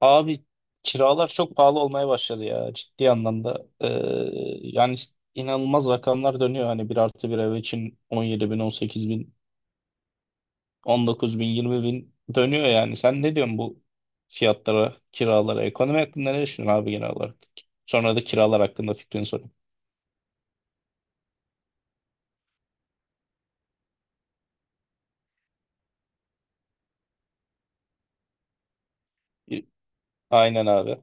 Abi kiralar çok pahalı olmaya başladı ya ciddi anlamda. Yani işte inanılmaz rakamlar dönüyor. Hani bir artı bir ev için 17 bin, 18 bin, 19 bin, 20 bin dönüyor yani. Sen ne diyorsun bu fiyatlara, kiralara? Ekonomi hakkında ne düşünüyorsun abi genel olarak? Sonra da kiralar hakkında fikrini sorayım. İ- Aynen abi.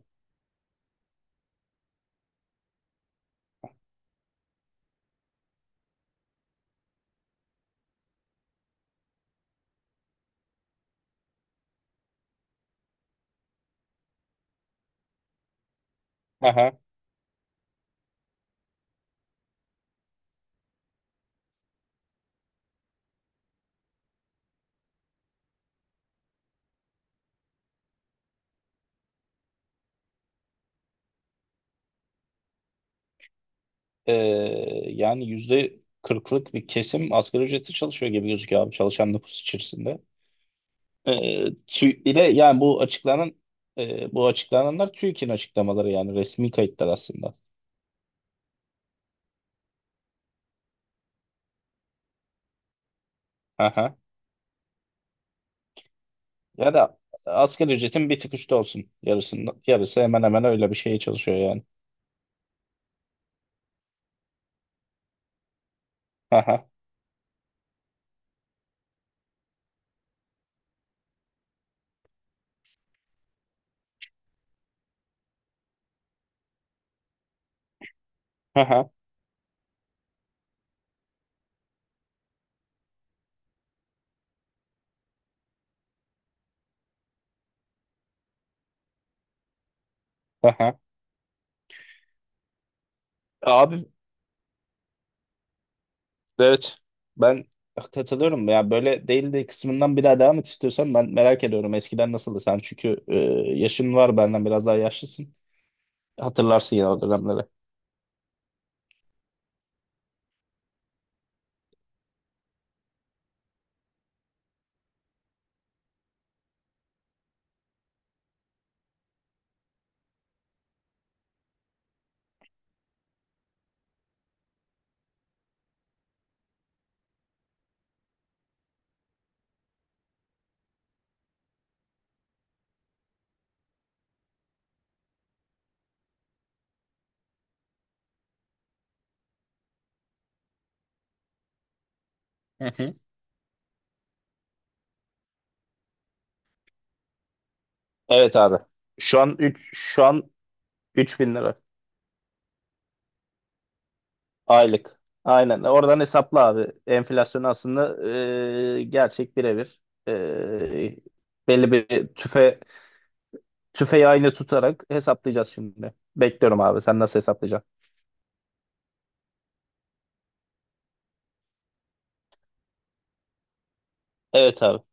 Aha. Ee, yani yüzde kırklık bir kesim asgari ücretli çalışıyor gibi gözüküyor abi çalışan nüfus içerisinde. Bir de yani bu açıklanan, bu açıklananlar TÜİK'in açıklamaları yani resmi kayıtlar aslında. Aha. Ya da asgari ücretin bir tık üstü olsun. Yarısında, yarısı hemen hemen öyle bir şeye çalışıyor yani. Aha. Aha. Aha. Abi evet, ben katılıyorum ya, böyle değil de kısmından bir daha devam et istiyorsan ben merak ediyorum, eskiden nasıldı sen çünkü yaşın var, benden biraz daha yaşlısın. Hatırlarsın ya o dönemleri. Hı hı. Evet abi. Şu an 3.000 lira aylık. Aynen. Oradan hesapla abi. Enflasyon aslında gerçek birebir. E, belli bir tüfeği aynı tutarak hesaplayacağız şimdi. Bekliyorum abi. Sen nasıl hesaplayacaksın? Evet abi.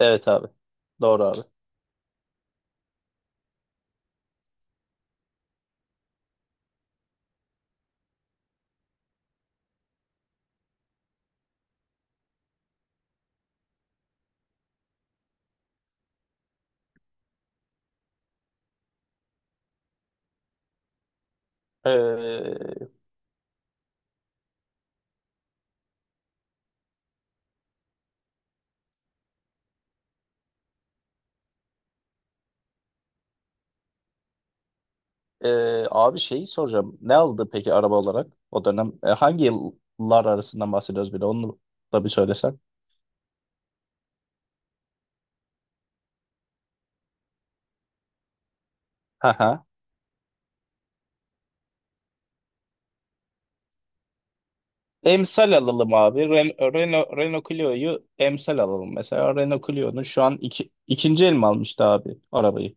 Evet abi. Doğru abi. Abi şeyi soracağım. Ne aldı peki araba olarak o dönem? Hangi yıllar arasından bahsediyoruz, bir de onu da bir söylesen. Haha. Emsal alalım abi. Renault Clio'yu emsal alalım. Mesela Renault Clio'nun şu an ikinci el mi almıştı abi arabayı?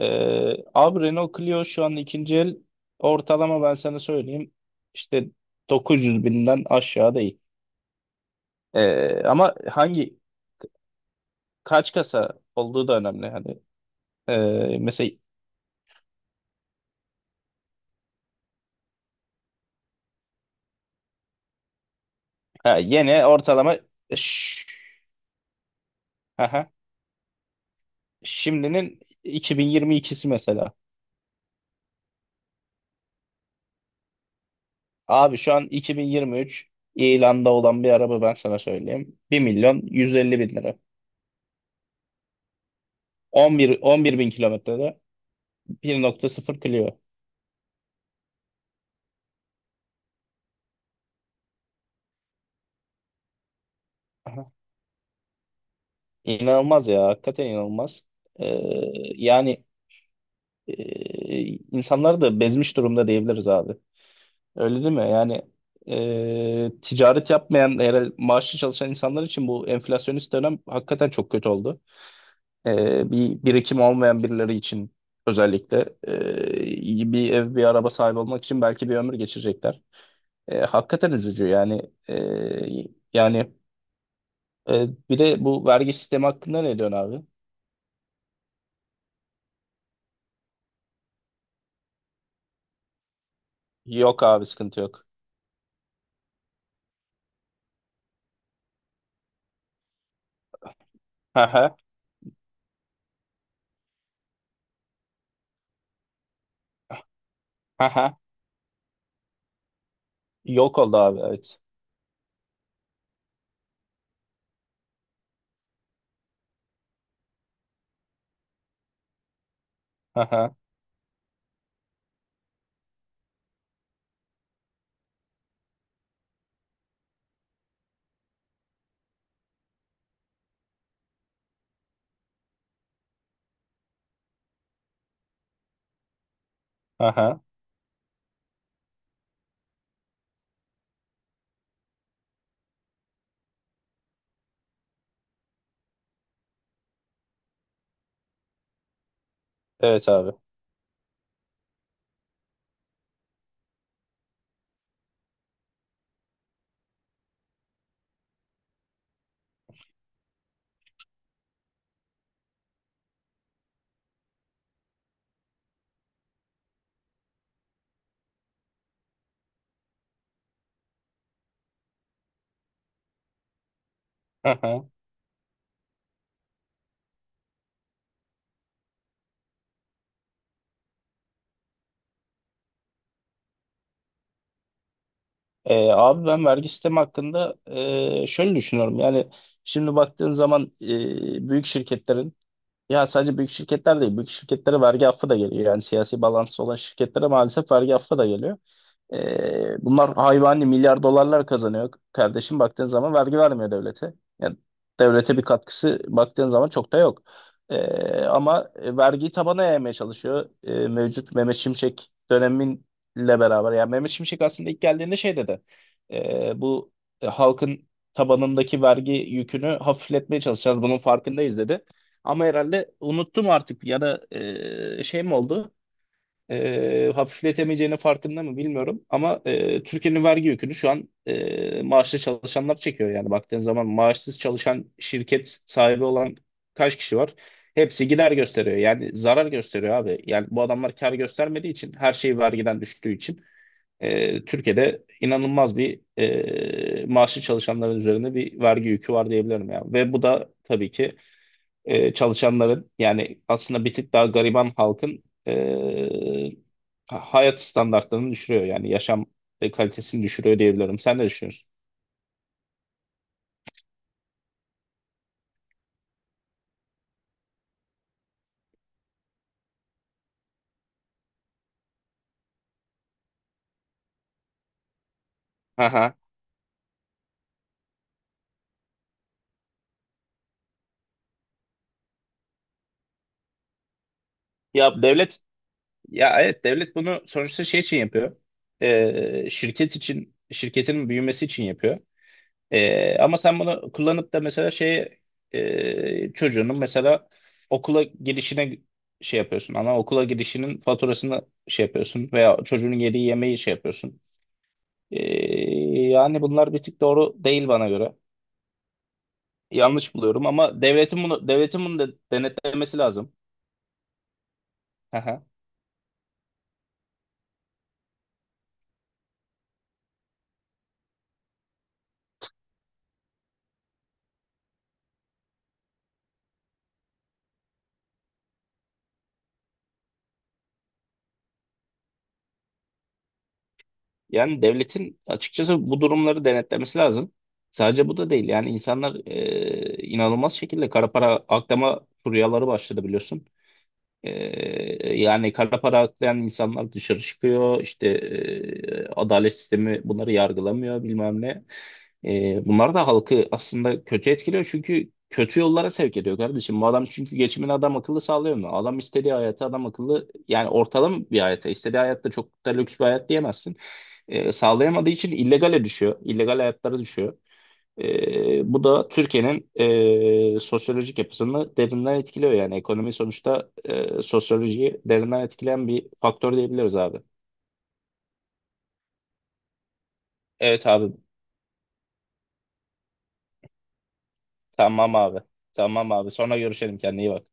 Abi Renault Clio şu an ikinci el ortalama, ben sana söyleyeyim. İşte 900 binden aşağı değil. Ama hangi kaç kasa olduğu da önemli. Hani, mesela. Ha, Yeni ortalama, e, Ş- aha. Şimdinin 2022'si mesela. Abi şu an 2023 ilanda olan bir araba, ben sana söyleyeyim. Bir milyon 150 bin lira. 11 bin kilometrede 1.0 Clio. Aha. İnanılmaz ya. Hakikaten inanılmaz. Ee, yani, insanları da bezmiş durumda diyebiliriz abi. Öyle değil mi? Yani, ticaret yapmayan, eğer maaşlı çalışan insanlar için bu enflasyonist dönem hakikaten çok kötü oldu. Bir birikim olmayan birileri için özellikle iyi bir ev, bir araba sahibi olmak için belki bir ömür geçirecekler. Hakikaten üzücü yani. E, yani, bir de bu vergi sistemi hakkında ne diyorsun abi? Yok abi, sıkıntı yok. Hı hı, hı hı. Yok oldu abi, evet. Hı hı, hı hı. Evet abi. Hı hı. Abi ben vergi sistemi hakkında şöyle düşünüyorum. Yani şimdi baktığın zaman büyük şirketlerin... Ya, sadece büyük şirketler değil, büyük şirketlere vergi affı da geliyor. Yani siyasi bağlantısı olan şirketlere maalesef vergi affı da geliyor. Bunlar hayvani milyar dolarlar kazanıyor kardeşim, baktığın zaman vergi vermiyor devlete. Yani devlete bir katkısı, baktığın zaman çok da yok. Ama vergiyi tabana yaymaya çalışıyor. Mevcut Mehmet Şimşek döneminle beraber. Yani Mehmet Şimşek aslında ilk geldiğinde şey dedi. Bu halkın tabanındaki vergi yükünü hafifletmeye çalışacağız, bunun farkındayız dedi. Ama herhalde unuttum artık, ya da şey mi oldu? Hafifletemeyeceğinin farkında mı bilmiyorum, ama Türkiye'nin vergi yükünü şu an maaşlı çalışanlar çekiyor. Yani baktığın zaman maaşsız çalışan şirket sahibi olan kaç kişi var? Hepsi gider gösteriyor, yani zarar gösteriyor abi. Yani bu adamlar kar göstermediği için, her şey vergiden düştüğü için Türkiye'de inanılmaz bir, maaşlı çalışanların üzerinde bir vergi yükü var diyebilirim ya. Ve bu da tabii ki çalışanların, yani aslında bir tık daha gariban halkın hayat standartlarını düşürüyor. Yani yaşam kalitesini düşürüyor diyebilirim. Sen ne düşünüyorsun? Aha. Ya devlet ya evet devlet bunu sonuçta şey için yapıyor. E, şirket için, şirketin büyümesi için yapıyor. E, ama sen bunu kullanıp da mesela şey, çocuğunun mesela okula girişine şey yapıyorsun. Ana okula girişinin faturasını şey yapıyorsun veya çocuğun yediği yemeği şey yapıyorsun. Ee, yani bunlar bir tık doğru değil bana göre. Yanlış buluyorum, ama devletin bunu denetlemesi lazım. Aha. Yani devletin açıkçası bu durumları denetlemesi lazım. Sadece bu da değil. Yani insanlar inanılmaz şekilde kara para aklama furyaları başladı, biliyorsun. Yani kara para aklayan insanlar dışarı çıkıyor. İşte adalet sistemi bunları yargılamıyor, bilmem ne. Bunlar da halkı aslında kötü etkiliyor, çünkü kötü yollara sevk ediyor kardeşim. Bu adam çünkü geçimini adam akıllı sağlıyor mu? Adam istediği hayatı adam akıllı, yani ortalama bir hayata, istediği hayatta, çok da lüks bir hayat diyemezsin. Sağlayamadığı için illegale düşüyor. İllegal hayatlara düşüyor. E, bu da Türkiye'nin sosyolojik yapısını derinden etkiliyor. Yani ekonomi sonuçta sosyolojiyi derinden etkileyen bir faktör diyebiliriz abi. Evet abi, tamam abi, tamam abi, sonra görüşelim, kendine iyi bak.